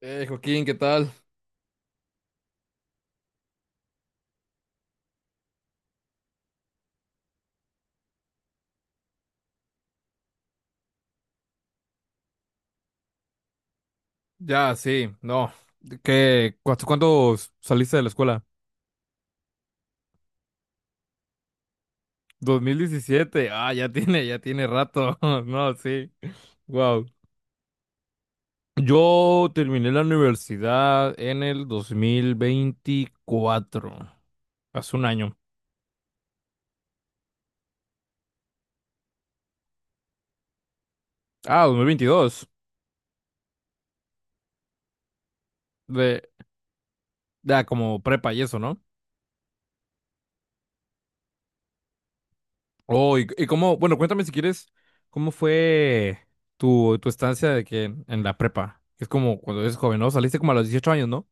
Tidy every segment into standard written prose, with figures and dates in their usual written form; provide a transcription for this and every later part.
Joaquín, ¿qué tal? Ya, sí, no. ¿Qué, cuánto, cuándo saliste de la escuela? 2017. Ah, ya tiene rato. No, sí. Wow. Yo terminé la universidad en el 2024. Hace un año. Ah, 2022. De, ya, como prepa y eso, ¿no? Oh, y cómo, bueno, cuéntame si quieres, ¿cómo fue tu estancia de que en la prepa? Es como cuando eres joven, ¿no? Saliste como a los 18 años, ¿no?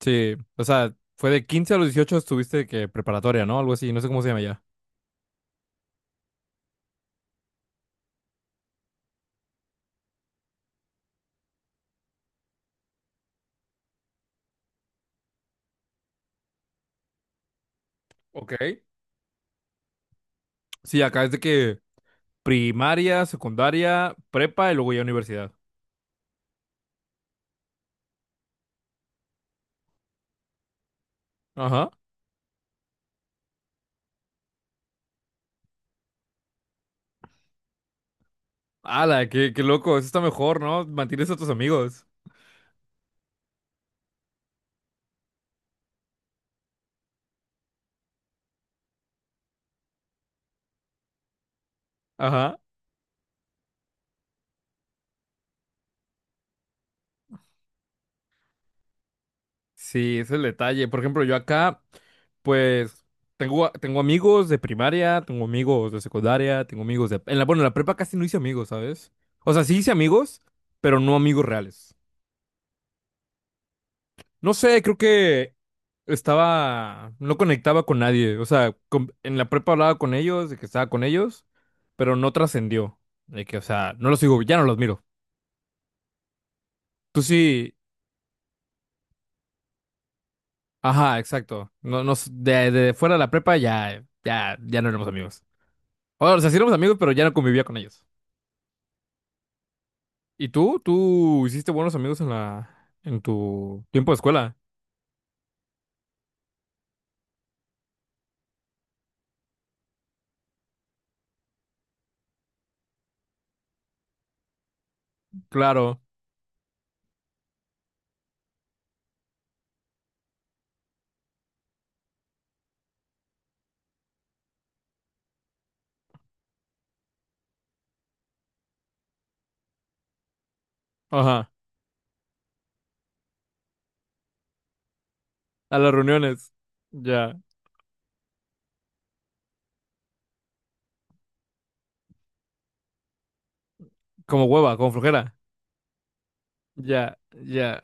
Sí, o sea, fue de 15 a los 18 estuviste que preparatoria, ¿no? Algo así, no sé cómo se llama ya. Ok. Sí, acá es de que primaria, secundaria, prepa y luego ya universidad. Ajá. Ala, qué loco, eso está mejor, ¿no? Mantienes a tus amigos. Ajá. Sí, ese es el detalle. Por ejemplo, yo acá, pues, tengo amigos de primaria, tengo amigos de secundaria, tengo amigos de... bueno, en la prepa casi no hice amigos, ¿sabes? O sea, sí hice amigos, pero no amigos reales. No sé, creo que estaba, no conectaba con nadie. O sea, en la prepa hablaba con ellos, de que estaba con ellos, pero no trascendió. De que, o sea, no los sigo, ya no los miro. Tú sí, ajá, exacto. No, no, de fuera de la prepa ya no éramos amigos. O sea, sí éramos amigos, pero ya no convivía con ellos. ¿Y tú? ¿Tú hiciste buenos amigos en tu tiempo de escuela? Claro, ajá, a las reuniones. Ya, como hueva, como flojera. Ya, ya.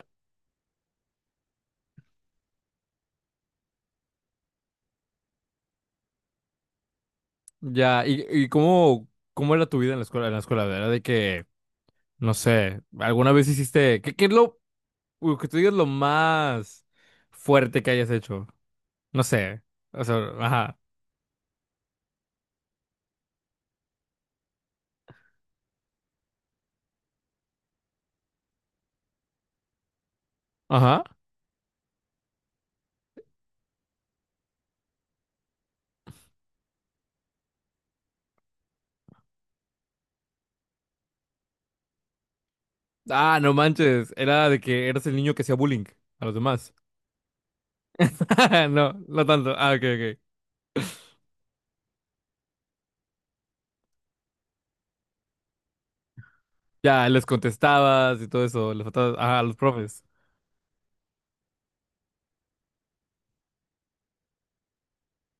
Ya, ¿y cómo era tu vida en la escuela? En la escuela, ¿era de que, no sé, alguna vez hiciste, qué es lo que tú digas lo más fuerte que hayas hecho? No sé, o sea, ajá, ajá. Ah, no manches, era de que eras el niño que hacía bullying a los demás. No, no tanto. Ah, ok, ok. Ya, les contestabas y todo eso, les faltabas, ajá, a los profes.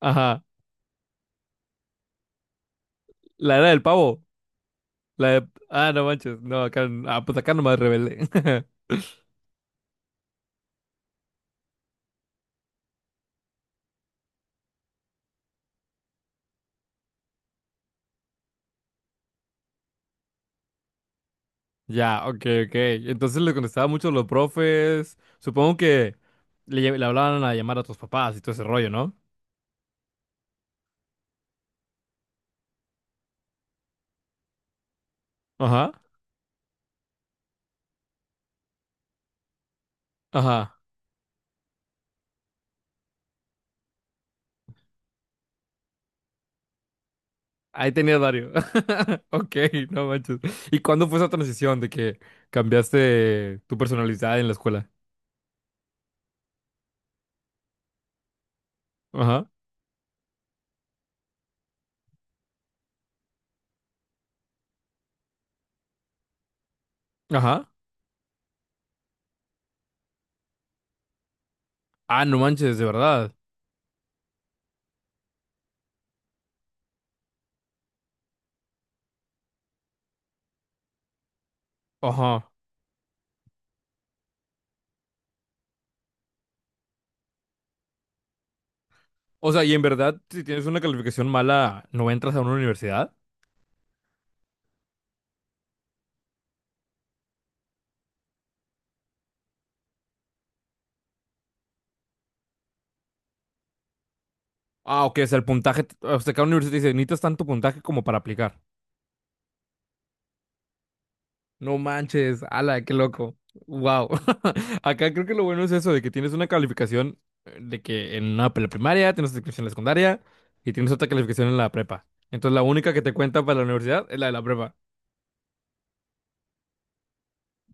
Ajá, la era del pavo. Ah, no manches, no, acá, ah, pues acá nomás rebelde. Ya, ok, ok. Entonces le contestaba mucho a los profes. Supongo que le hablaban a llamar a tus papás y todo ese rollo, ¿no? Ajá, ajá. Ahí tenías varios. Ok, no manches. ¿Y cuándo fue esa transición de que cambiaste tu personalidad en la escuela? Ajá, ajá. Ah, no manches, de verdad. Ajá. O sea, y en verdad, si tienes una calificación mala, ¿no entras a una universidad? Ah, ok, o sea, el puntaje, o sea, cada universidad te dice, necesitas tanto puntaje como para aplicar. No manches, ala, qué loco. Wow. Acá creo que lo bueno es eso, de que tienes una calificación de que en una primaria, tienes otra calificación en la secundaria y tienes otra calificación en la prepa. Entonces la única que te cuenta para la universidad es la de la prepa.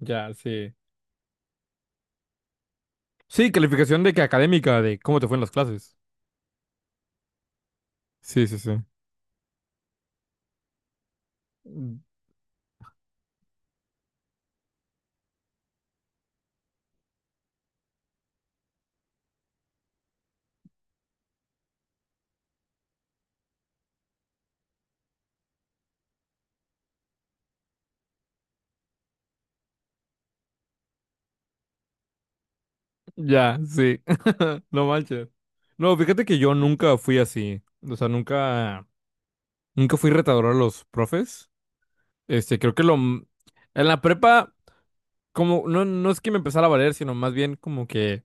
Ya, sí. Sí, calificación de que académica, de cómo te fue en las clases. Sí, sí, sí. Mm. Ya, sí. No manches. No, fíjate que yo nunca fui así. O sea, nunca fui retador a los profes. Este, creo que lo, en la prepa. Como, no, no es que me empezara a valer, sino más bien como que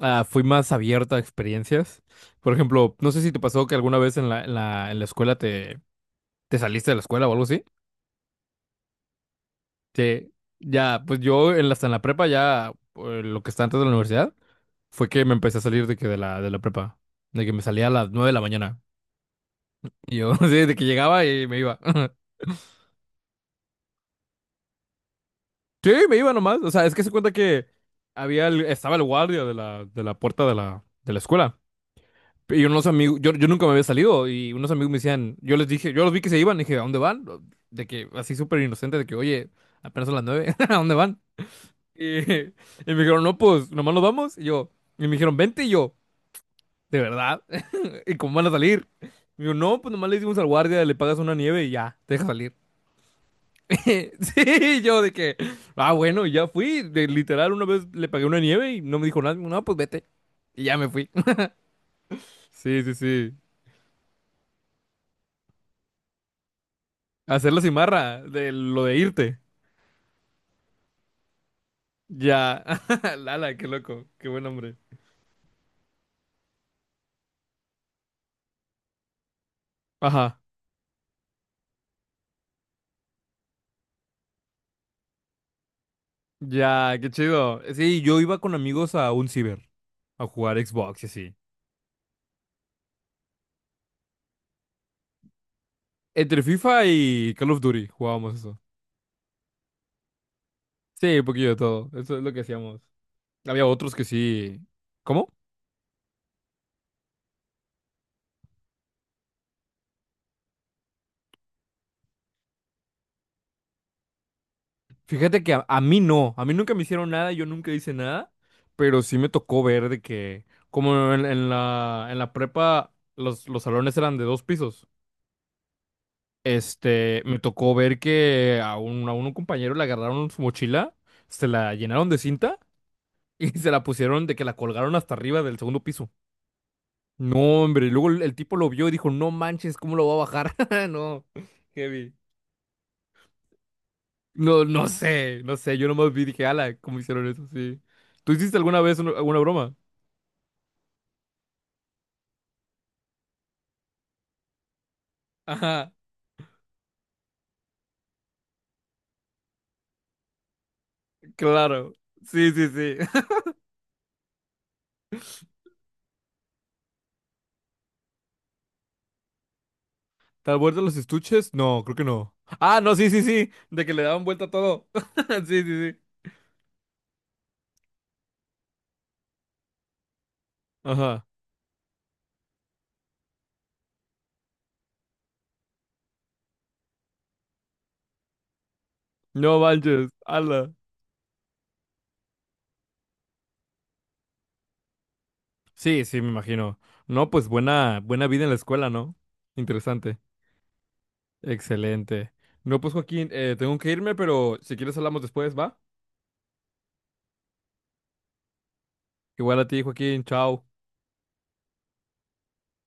fui más abierta a experiencias. Por ejemplo, no sé si te pasó que alguna vez en la escuela te saliste de la escuela o algo así. Que ya, pues yo en la, hasta en la prepa, ya lo que está antes de la universidad, fue que me empecé a salir de que de la prepa. De que me salía a las 9 de la mañana. Y yo, sí, de que llegaba y me iba. Sí, me iba nomás. O sea, es que se cuenta que había estaba el guardia de la puerta de la escuela. Y unos amigos, yo nunca me había salido y unos amigos me decían, yo les dije, yo los vi que se iban, dije, ¿a dónde van? De que, así súper inocente, de que, oye, apenas son las 9, ¿a dónde van? Y me dijeron, no, pues, nomás nos vamos. Y yo, y me dijeron, vente, y yo, ¿de verdad? ¿Y cómo van a salir? Y yo, no, pues nomás le decimos al guardia, le pagas una nieve y ya, te deja salir. Sí, y yo de que, ah, bueno, y ya fui, de, literal, una vez le pagué una nieve y no me dijo nada, no, pues vete, y ya me fui. Sí, sí, sí. Hacer la cimarra de lo de irte. Ya, lala, qué loco, qué buen hombre. Ajá, ya, qué chido. Sí, yo iba con amigos a un ciber, a jugar Xbox y así. Entre FIFA y Call of Duty jugábamos eso. Sí, un poquillo de todo, eso es lo que hacíamos. Había otros que sí. ¿Cómo? Fíjate que a mí no, a mí nunca me hicieron nada, yo nunca hice nada, pero sí me tocó ver de que, como en la prepa, los salones eran de dos pisos. Este, me tocó ver que a un compañero le agarraron su mochila, se la llenaron de cinta y se la pusieron de que la colgaron hasta arriba del segundo piso. No, hombre, y luego el tipo lo vio y dijo, no manches, ¿cómo lo va a bajar? No, heavy. No, no sé, yo nomás vi y dije, ala, ¿cómo hicieron eso? Sí. ¿Tú hiciste alguna vez alguna broma? Ajá, claro. Sí, sí, sí. ¿Tal vuelta los estuches? No, creo que no. Ah, no, sí, sí, sí, de que le daban vuelta a todo. Sí, sí, sí. Ajá. No manches, ala. Sí, sí, me imagino. No, pues buena, buena vida en la escuela, ¿no? Interesante. Excelente. No, pues Joaquín, tengo que irme, pero si quieres hablamos después, ¿va? Igual a ti, Joaquín, chao.